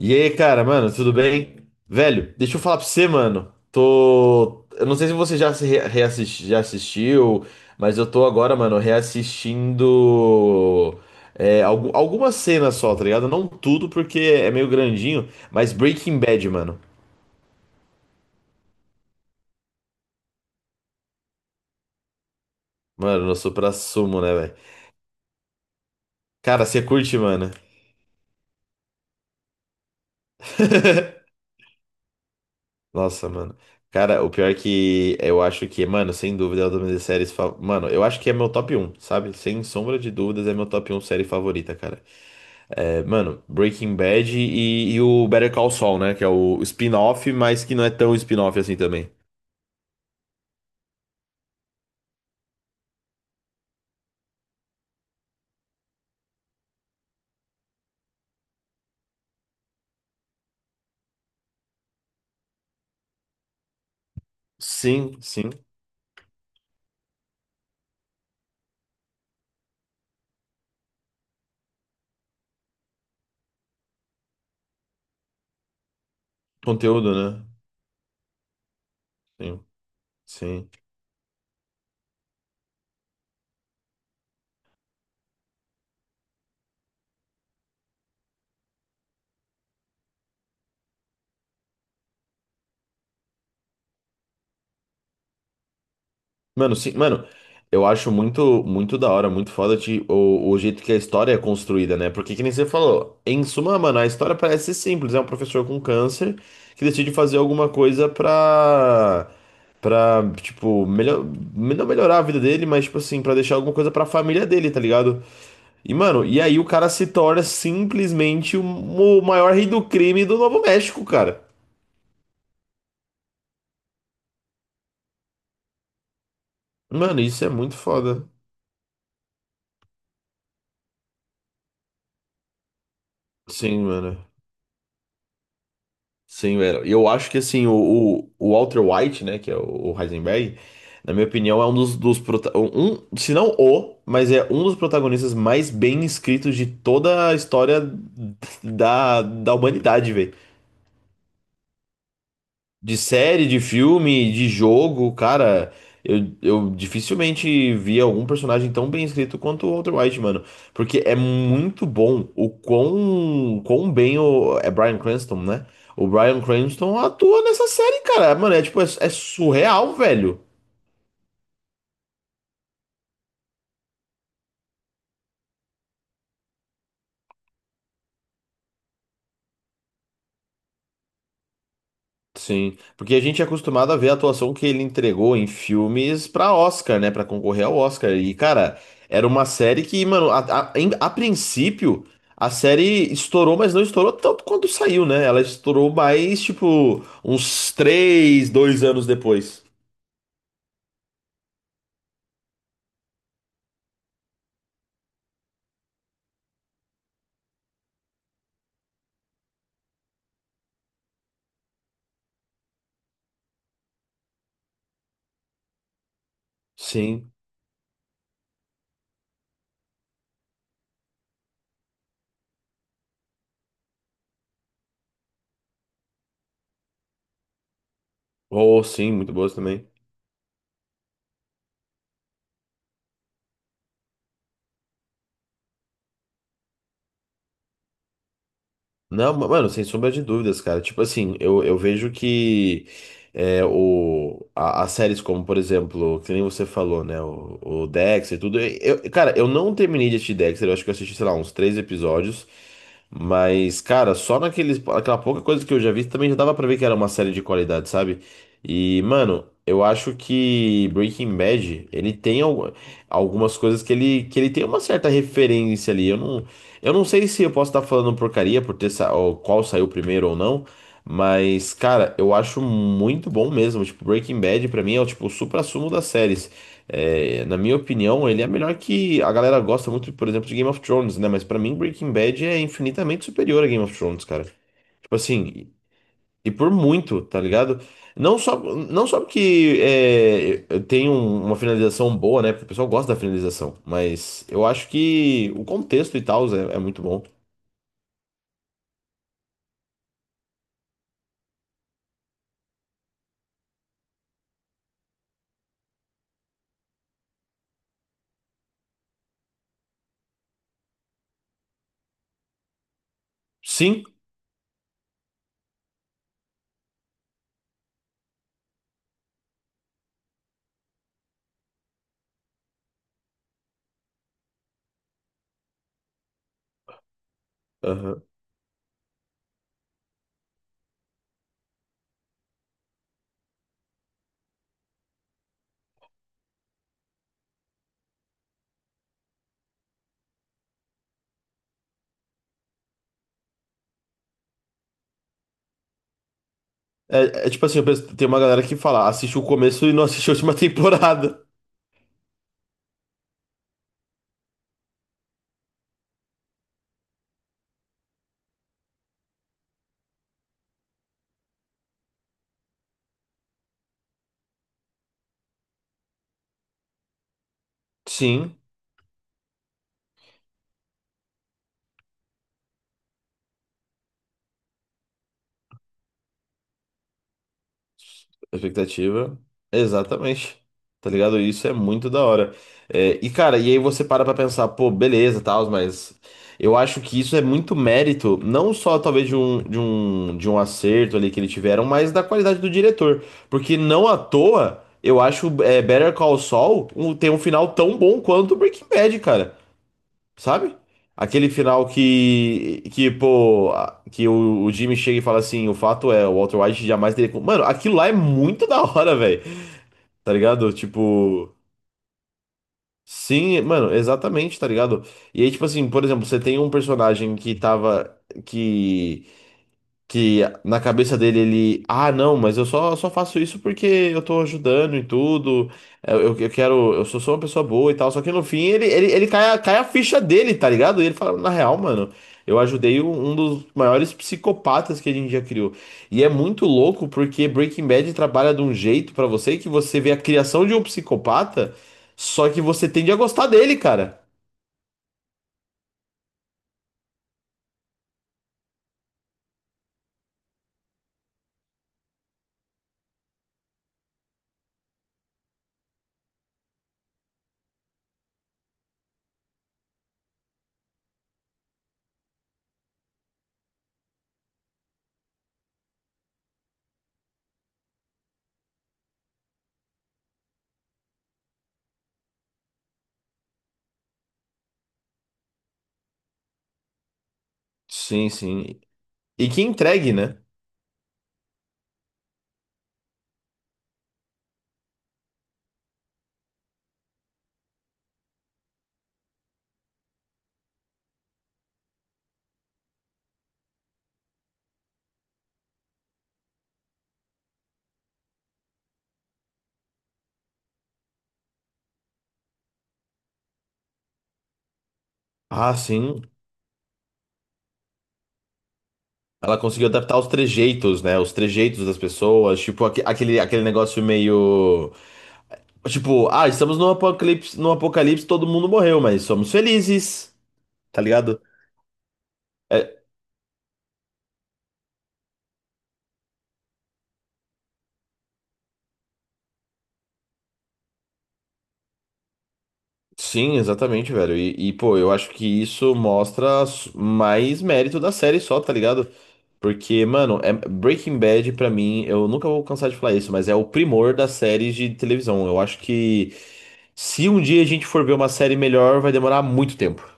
E aí, cara, mano, tudo bem? Velho, deixa eu falar pra você, mano. Tô. Eu não sei se você já se re- reassisti- já assistiu, mas eu tô agora, mano, reassistindo. Algumas cenas só, tá ligado? Não tudo, porque é meio grandinho, mas Breaking Bad, mano. Mano, eu sou pra sumo, né, velho? Cara, você curte, mano. Nossa, mano. Cara, o pior é que eu acho que, mano, sem dúvida é uma das minhas séries. Mano, eu acho que é meu top um, sabe? Sem sombra de dúvidas, é meu top um série favorita, cara. É, mano, Breaking Bad e o Better Call Saul, né? Que é o spin-off, mas que não é tão spin-off assim também. Sim, sim. Conteúdo, né? Sim, sim. Mano, sim, mano, eu acho muito, muito da hora, muito foda de, o jeito que a história é construída, né? Porque que nem você falou, em suma, mano, a história parece ser simples. É um professor com câncer que decide fazer alguma coisa pra. Pra, tipo, melhor, não melhorar a vida dele, mas, tipo assim, pra deixar alguma coisa pra família dele, tá ligado? E, mano, e aí o cara se torna simplesmente o maior rei do crime do Novo México, cara. Mano, isso é muito foda. Sim, mano. Sim, velho. E eu acho que, assim, o Walter White, né, que é o Heisenberg, na minha opinião, é um dos, dos prota- um, se não o, mas é um dos protagonistas mais bem escritos de toda a história da humanidade, velho. De série, de filme, de jogo, cara, eu dificilmente vi algum personagem tão bem escrito quanto o Walter White, mano. Porque é muito bom o quão, quão bem o. É Bryan Cranston, né? O Bryan Cranston atua nessa série, cara. Mano, é tipo, é surreal, velho. Sim, porque a gente é acostumado a ver a atuação que ele entregou em filmes pra Oscar, né, pra concorrer ao Oscar. E cara, era uma série que, mano, a princípio a série estourou, mas não estourou tanto quanto saiu, né? Ela estourou mais tipo uns três, dois anos depois. Sim. Oh, sim, muito boas também. Não, mano, sem sombra de dúvidas, cara. Tipo assim, eu vejo que é, as séries como, por exemplo, que nem você falou, né? O Dexter e tudo. Eu, cara, eu não terminei de assistir Dexter, eu acho que eu assisti, sei lá, uns três episódios. Mas, cara, só naqueles, aquela pouca coisa que eu já vi também já dava pra ver que era uma série de qualidade, sabe? E, mano, eu acho que Breaking Bad, ele tem algumas coisas que ele tem uma certa referência ali. Eu não sei se eu posso estar falando porcaria por ter ou qual saiu primeiro ou não, mas, cara, eu acho muito bom mesmo. Tipo, Breaking Bad pra mim é o tipo, o suprassumo das séries. É, na minha opinião, ele é melhor que a galera gosta muito, por exemplo, de Game of Thrones, né? Mas pra mim, Breaking Bad é infinitamente superior a Game of Thrones, cara. Tipo assim, e por muito, tá ligado? Não só, não só porque é, uma finalização boa, né? Porque o pessoal gosta da finalização, mas eu acho que o contexto e tal é muito bom. Sim. Aham. É, é tipo assim, tem uma galera que fala, assiste o começo e não assiste a última temporada. Sim, expectativa. Exatamente. Tá ligado? Isso é muito da hora. É, e cara, e aí você para pra pensar, pô, beleza, tal, mas eu acho que isso é muito mérito, não só talvez de um acerto ali que eles tiveram, mas da qualidade do diretor. Porque não à toa, eu acho é, Better Call Saul tem um final tão bom quanto Breaking Bad, cara. Sabe? Aquele final que pô, que o Jimmy chega e fala assim: o fato é, o Walter White jamais teria. Co-" Mano, aquilo lá é muito da hora, velho. Tá ligado? Tipo. Sim, mano, exatamente, tá ligado? E aí, tipo assim, por exemplo, você tem um personagem que tava. Que que na cabeça dele ele, ah, não, mas eu só, só faço isso porque eu tô ajudando e tudo, eu quero, eu sou só uma pessoa boa e tal, só que no fim ele cai, cai a ficha dele, tá ligado? E ele fala, na real, mano, eu ajudei um dos maiores psicopatas que a gente já criou. E é muito louco porque Breaking Bad trabalha de um jeito pra você que você vê a criação de um psicopata, só que você tende a gostar dele, cara. Sim, sim. E que entregue, né? Ah, sim. Ela conseguiu adaptar os trejeitos, né? Os trejeitos das pessoas, tipo aquele negócio meio. Tipo, ah, estamos no apocalipse, no apocalipse, todo mundo morreu, mas somos felizes, tá ligado? É, sim, exatamente, velho. E, pô, eu acho que isso mostra mais mérito da série só, tá ligado? Porque, mano, Breaking Bad, pra mim, eu nunca vou cansar de falar isso, mas é o primor das séries de televisão. Eu acho que se um dia a gente for ver uma série melhor, vai demorar muito tempo.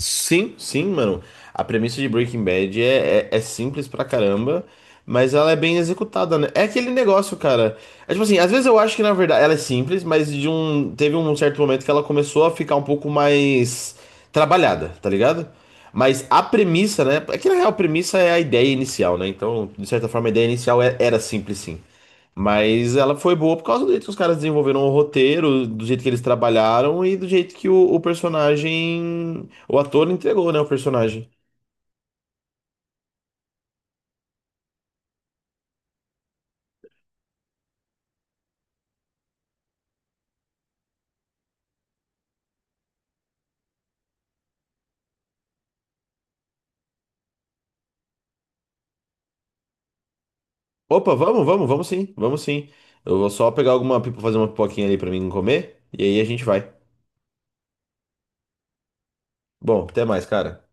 Sim, sim, mano. A premissa de Breaking Bad é simples pra caramba, mas ela é bem executada, né? É aquele negócio, cara. É tipo assim, às vezes eu acho que na verdade ela é simples, mas teve um certo momento que ela começou a ficar um pouco mais trabalhada, tá ligado? Mas a premissa, né? É que na real a premissa é a ideia inicial, né? Então, de certa forma, a ideia inicial era simples, sim. Mas ela foi boa por causa do jeito que os caras desenvolveram o roteiro, do jeito que eles trabalharam e do jeito que o personagem, o ator entregou, né, o personagem. Opa, vamos, vamos, vamos sim, vamos sim. Eu vou só pegar fazer uma pipoquinha ali pra mim comer e aí a gente vai. Bom, até mais, cara.